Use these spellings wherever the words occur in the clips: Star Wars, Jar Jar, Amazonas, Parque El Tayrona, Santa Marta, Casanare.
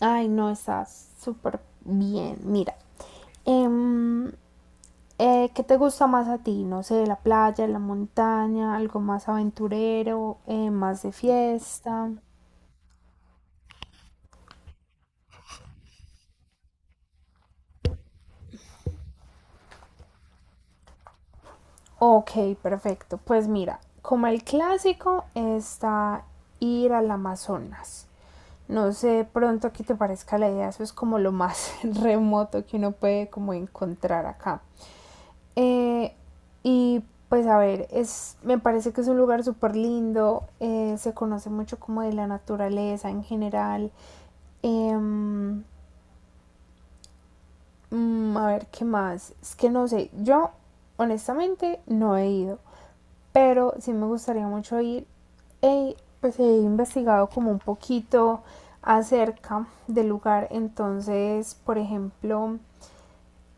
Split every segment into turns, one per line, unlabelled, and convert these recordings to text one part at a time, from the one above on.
Ay, no, está súper bien. Mira, em, ¿qué te gusta más a ti? No sé, la playa, la montaña, algo más aventurero, más de fiesta. Ok, perfecto. Pues mira, como el clásico está ir al Amazonas. No sé de pronto qué te parezca la idea, eso es como lo más remoto que uno puede como encontrar acá. Eh, y pues a ver, es, me parece que es un lugar súper lindo, se conoce mucho como de la naturaleza en general. Em, a ver, ¿qué más? Es que no sé, yo honestamente no he ido, pero sí me gustaría mucho ir. He, pues he investigado como un poquito acerca del lugar. Entonces, por ejemplo,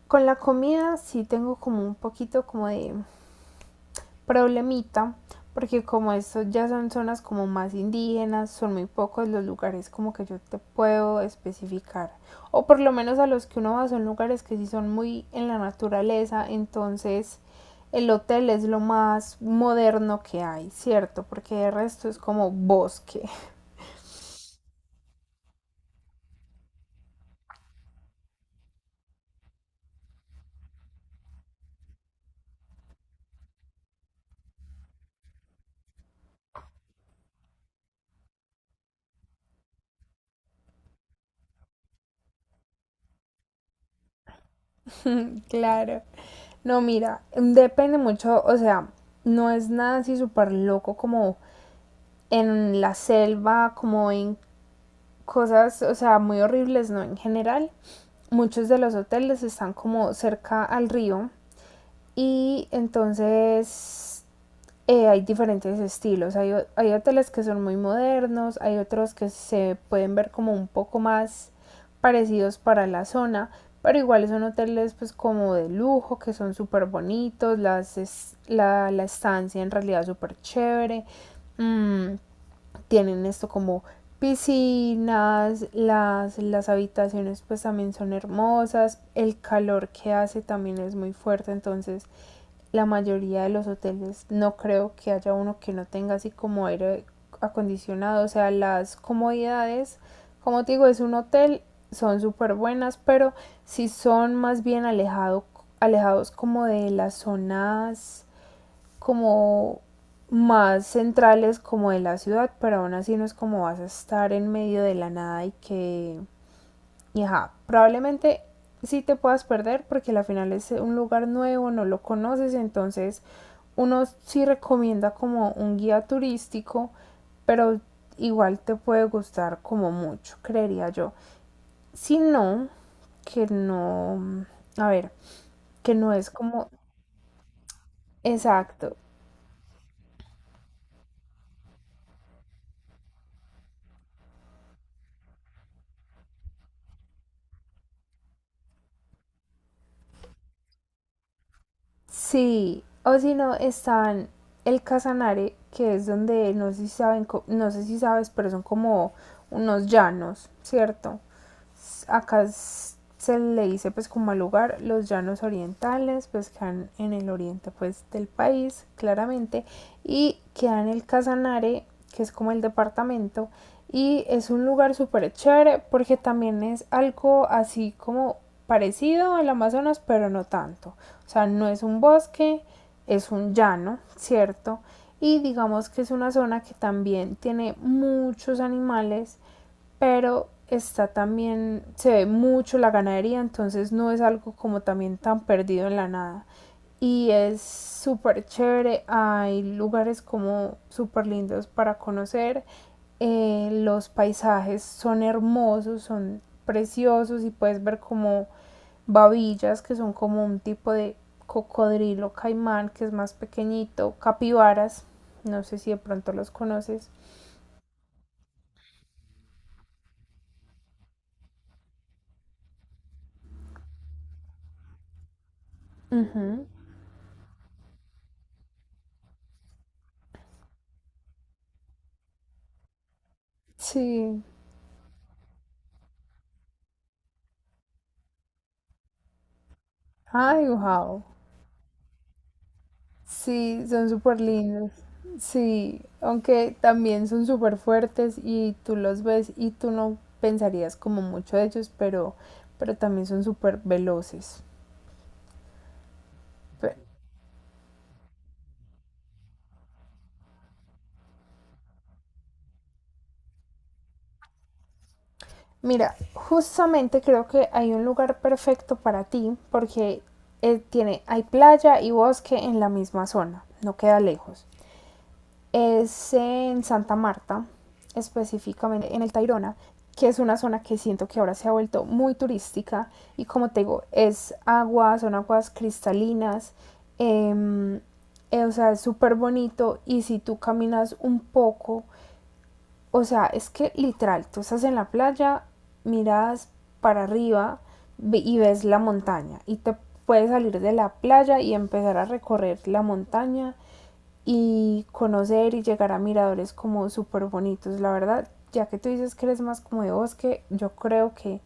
con la comida sí tengo como un poquito como de problemita, porque como esto ya son zonas como más indígenas, son muy pocos los lugares como que yo te puedo especificar. O por lo menos a los que uno va son lugares que sí son muy en la naturaleza, entonces el hotel es lo más moderno que hay, ¿cierto? Porque de resto es como bosque. Claro. No, mira, depende mucho, o sea, no es nada así súper loco como en la selva, como en cosas, o sea, muy horribles, ¿no? En general, muchos de los hoteles están como cerca al río y entonces hay diferentes estilos. Hay hoteles que son muy modernos, hay otros que se pueden ver como un poco más parecidos para la zona, pero igual son hoteles pues como de lujo, que son súper bonitos, las es, estancia en realidad súper chévere. Mm, Tienen esto como piscinas, las habitaciones pues también son hermosas, el calor que hace también es muy fuerte, entonces la mayoría de los hoteles no creo que haya uno que no tenga así como aire acondicionado, o sea, las comodidades, como te digo, es un hotel, son súper buenas, pero si son más bien alejados como de las zonas como más centrales como de la ciudad, pero aún así no es como vas a estar en medio de la nada y que... Y ajá, probablemente sí te puedas perder porque al final es un lugar nuevo, no lo conoces, entonces uno sí recomienda como un guía turístico, pero igual te puede gustar como mucho, creería yo. Si no, que no, a ver, que no es como exacto. Sí, o si no, están el Casanare, que es donde no sé si saben, no sé si sabes, pero son como unos llanos, ¿cierto? Acá se le dice pues como al lugar los llanos orientales, pues quedan en el oriente pues del país claramente y queda en el Casanare, que es como el departamento, y es un lugar súper chévere porque también es algo así como parecido al Amazonas, pero no tanto. O sea, no es un bosque, es un llano, ¿cierto? Y digamos que es una zona que también tiene muchos animales, pero está también, se ve mucho la ganadería, entonces no es algo como también tan perdido en la nada. Y es súper chévere, hay lugares como súper lindos para conocer, los paisajes son hermosos, son preciosos, y puedes ver como babillas, que son como un tipo de cocodrilo caimán que es más pequeñito, capibaras, no sé si de pronto los conoces. Ujú. Sí. Ay, wow. Sí, son súper lindos. Sí, aunque también son súper fuertes y tú los ves y tú no pensarías como mucho de ellos, pero también son súper veloces. Pe- Mira, justamente creo que hay un lugar perfecto para ti porque tiene, hay playa y bosque en la misma zona, no queda lejos. Es en Santa Marta, específicamente en el Tayrona, que es una zona que siento que ahora se ha vuelto muy turística, y como te digo, es agua, son aguas cristalinas. eh, o sea, es súper bonito, y si tú caminas un poco, o sea, es que literal, tú estás en la playa, miras para arriba y ves la montaña, y te puedes salir de la playa y empezar a recorrer la montaña y conocer y llegar a miradores como súper bonitos. La verdad, ya que tú dices que eres más como de bosque, yo creo que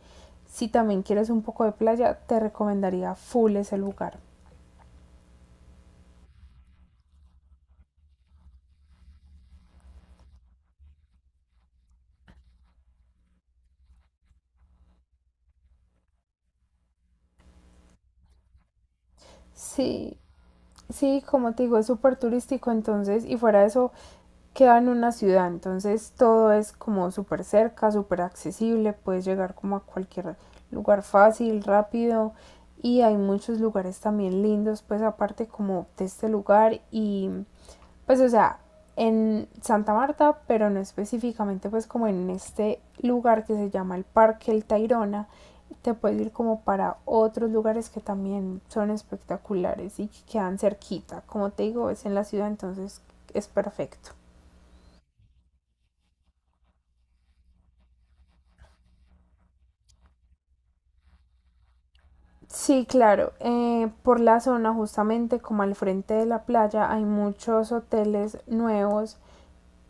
si también quieres un poco de playa, te recomendaría full ese lugar. Sí, sí, como te digo, es súper turístico, entonces, y fuera de eso, queda en una ciudad, entonces todo es como súper cerca, súper accesible, puedes llegar como a cualquier lugar fácil, rápido, y hay muchos lugares también lindos, pues aparte como de este lugar. Y pues o sea, en Santa Marta, pero no específicamente pues como en este lugar que se llama el Parque El Tayrona, te puedes ir como para otros lugares que también son espectaculares y que quedan cerquita. Como te digo, es en la ciudad, entonces es perfecto. Sí, claro. Por la zona, justamente como al frente de la playa, hay muchos hoteles nuevos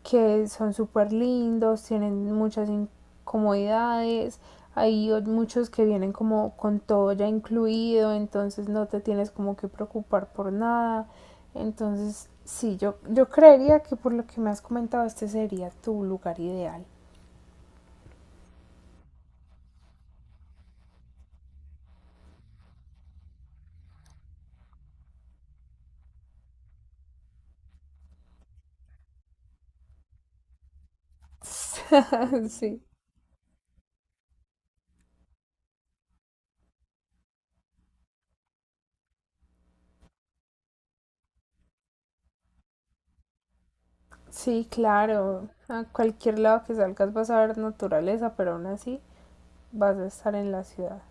que son súper lindos, tienen muchas incomodidades, hay muchos que vienen como con todo ya incluido, entonces no te tienes como que preocupar por nada. Entonces, sí, yo creería que por lo que me has comentado, este sería tu lugar ideal. Sí, sí, claro. A cualquier lado que salgas vas a ver naturaleza, pero aún así vas a estar en la ciudad.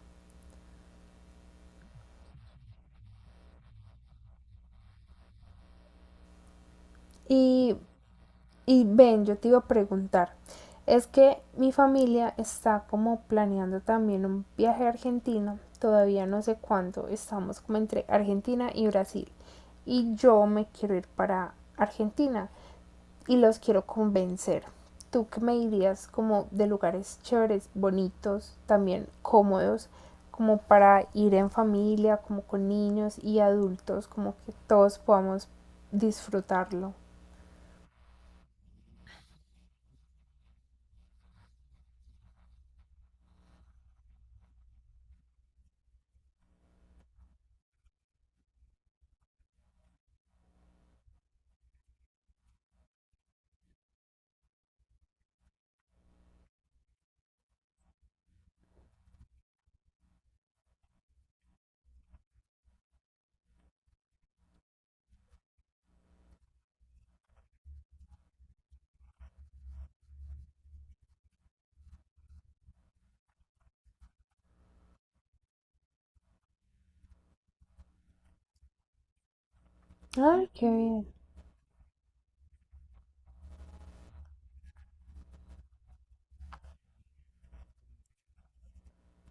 Y Y ven, yo te iba a preguntar, es que mi familia está como planeando también un viaje a Argentina, todavía no sé cuándo, estamos como entre Argentina y Brasil. Y yo me quiero ir para Argentina y los quiero convencer. ¿Tú qué me dirías como de lugares chéveres, bonitos, también cómodos, como para ir en familia, como con niños y adultos, como que todos podamos disfrutarlo?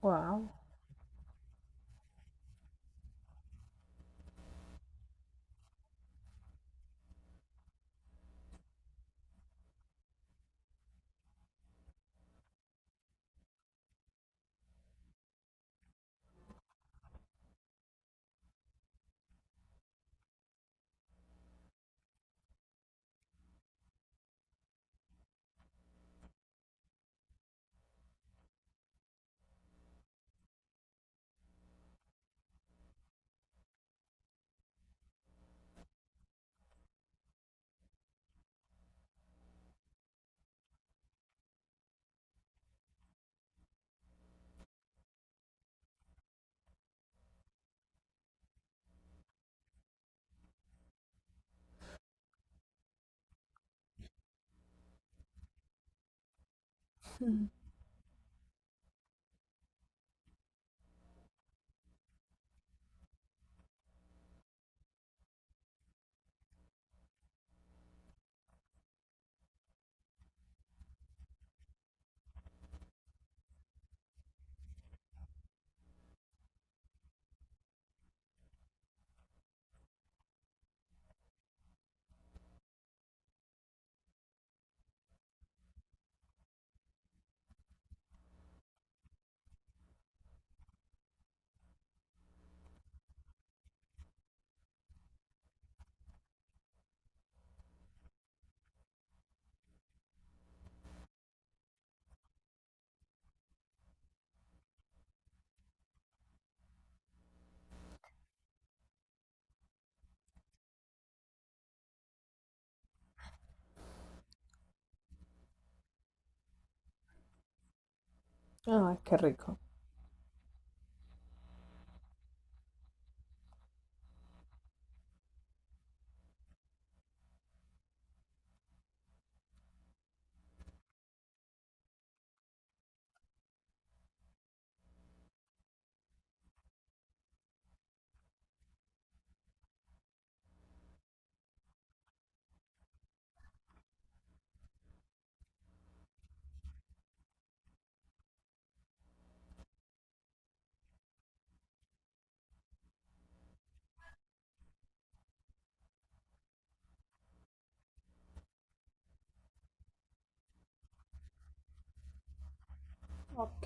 ¡Wow! Ay, qué rico. Ok.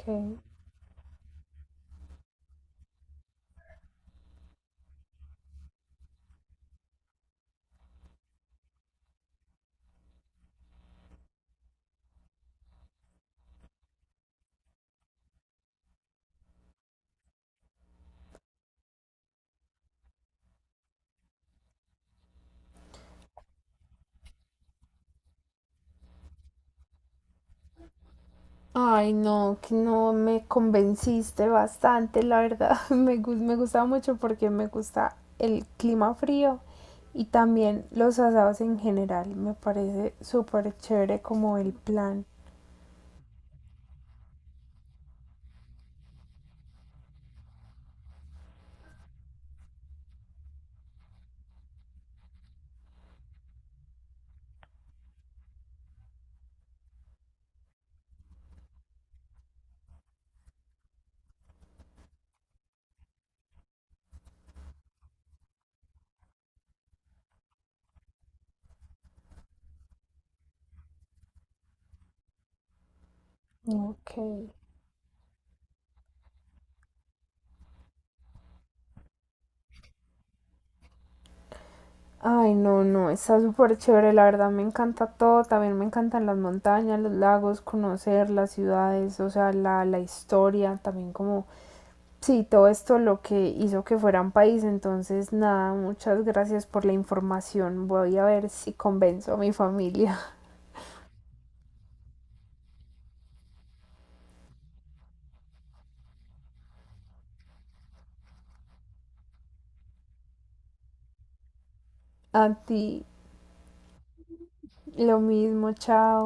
Ay, no, que no me convenciste bastante, la verdad. Me gusta mucho porque me gusta el clima frío y también los asados en general. Me parece súper chévere como el plan. Ok. Ay, no, no, está súper chévere, la verdad me encanta todo, también me encantan las montañas, los lagos, conocer las ciudades, o sea, la historia, también como sí, todo esto lo que hizo que fuera un país, entonces nada, muchas gracias por la información. Voy a ver si convenzo a mi familia. A ti, lo mismo, chao.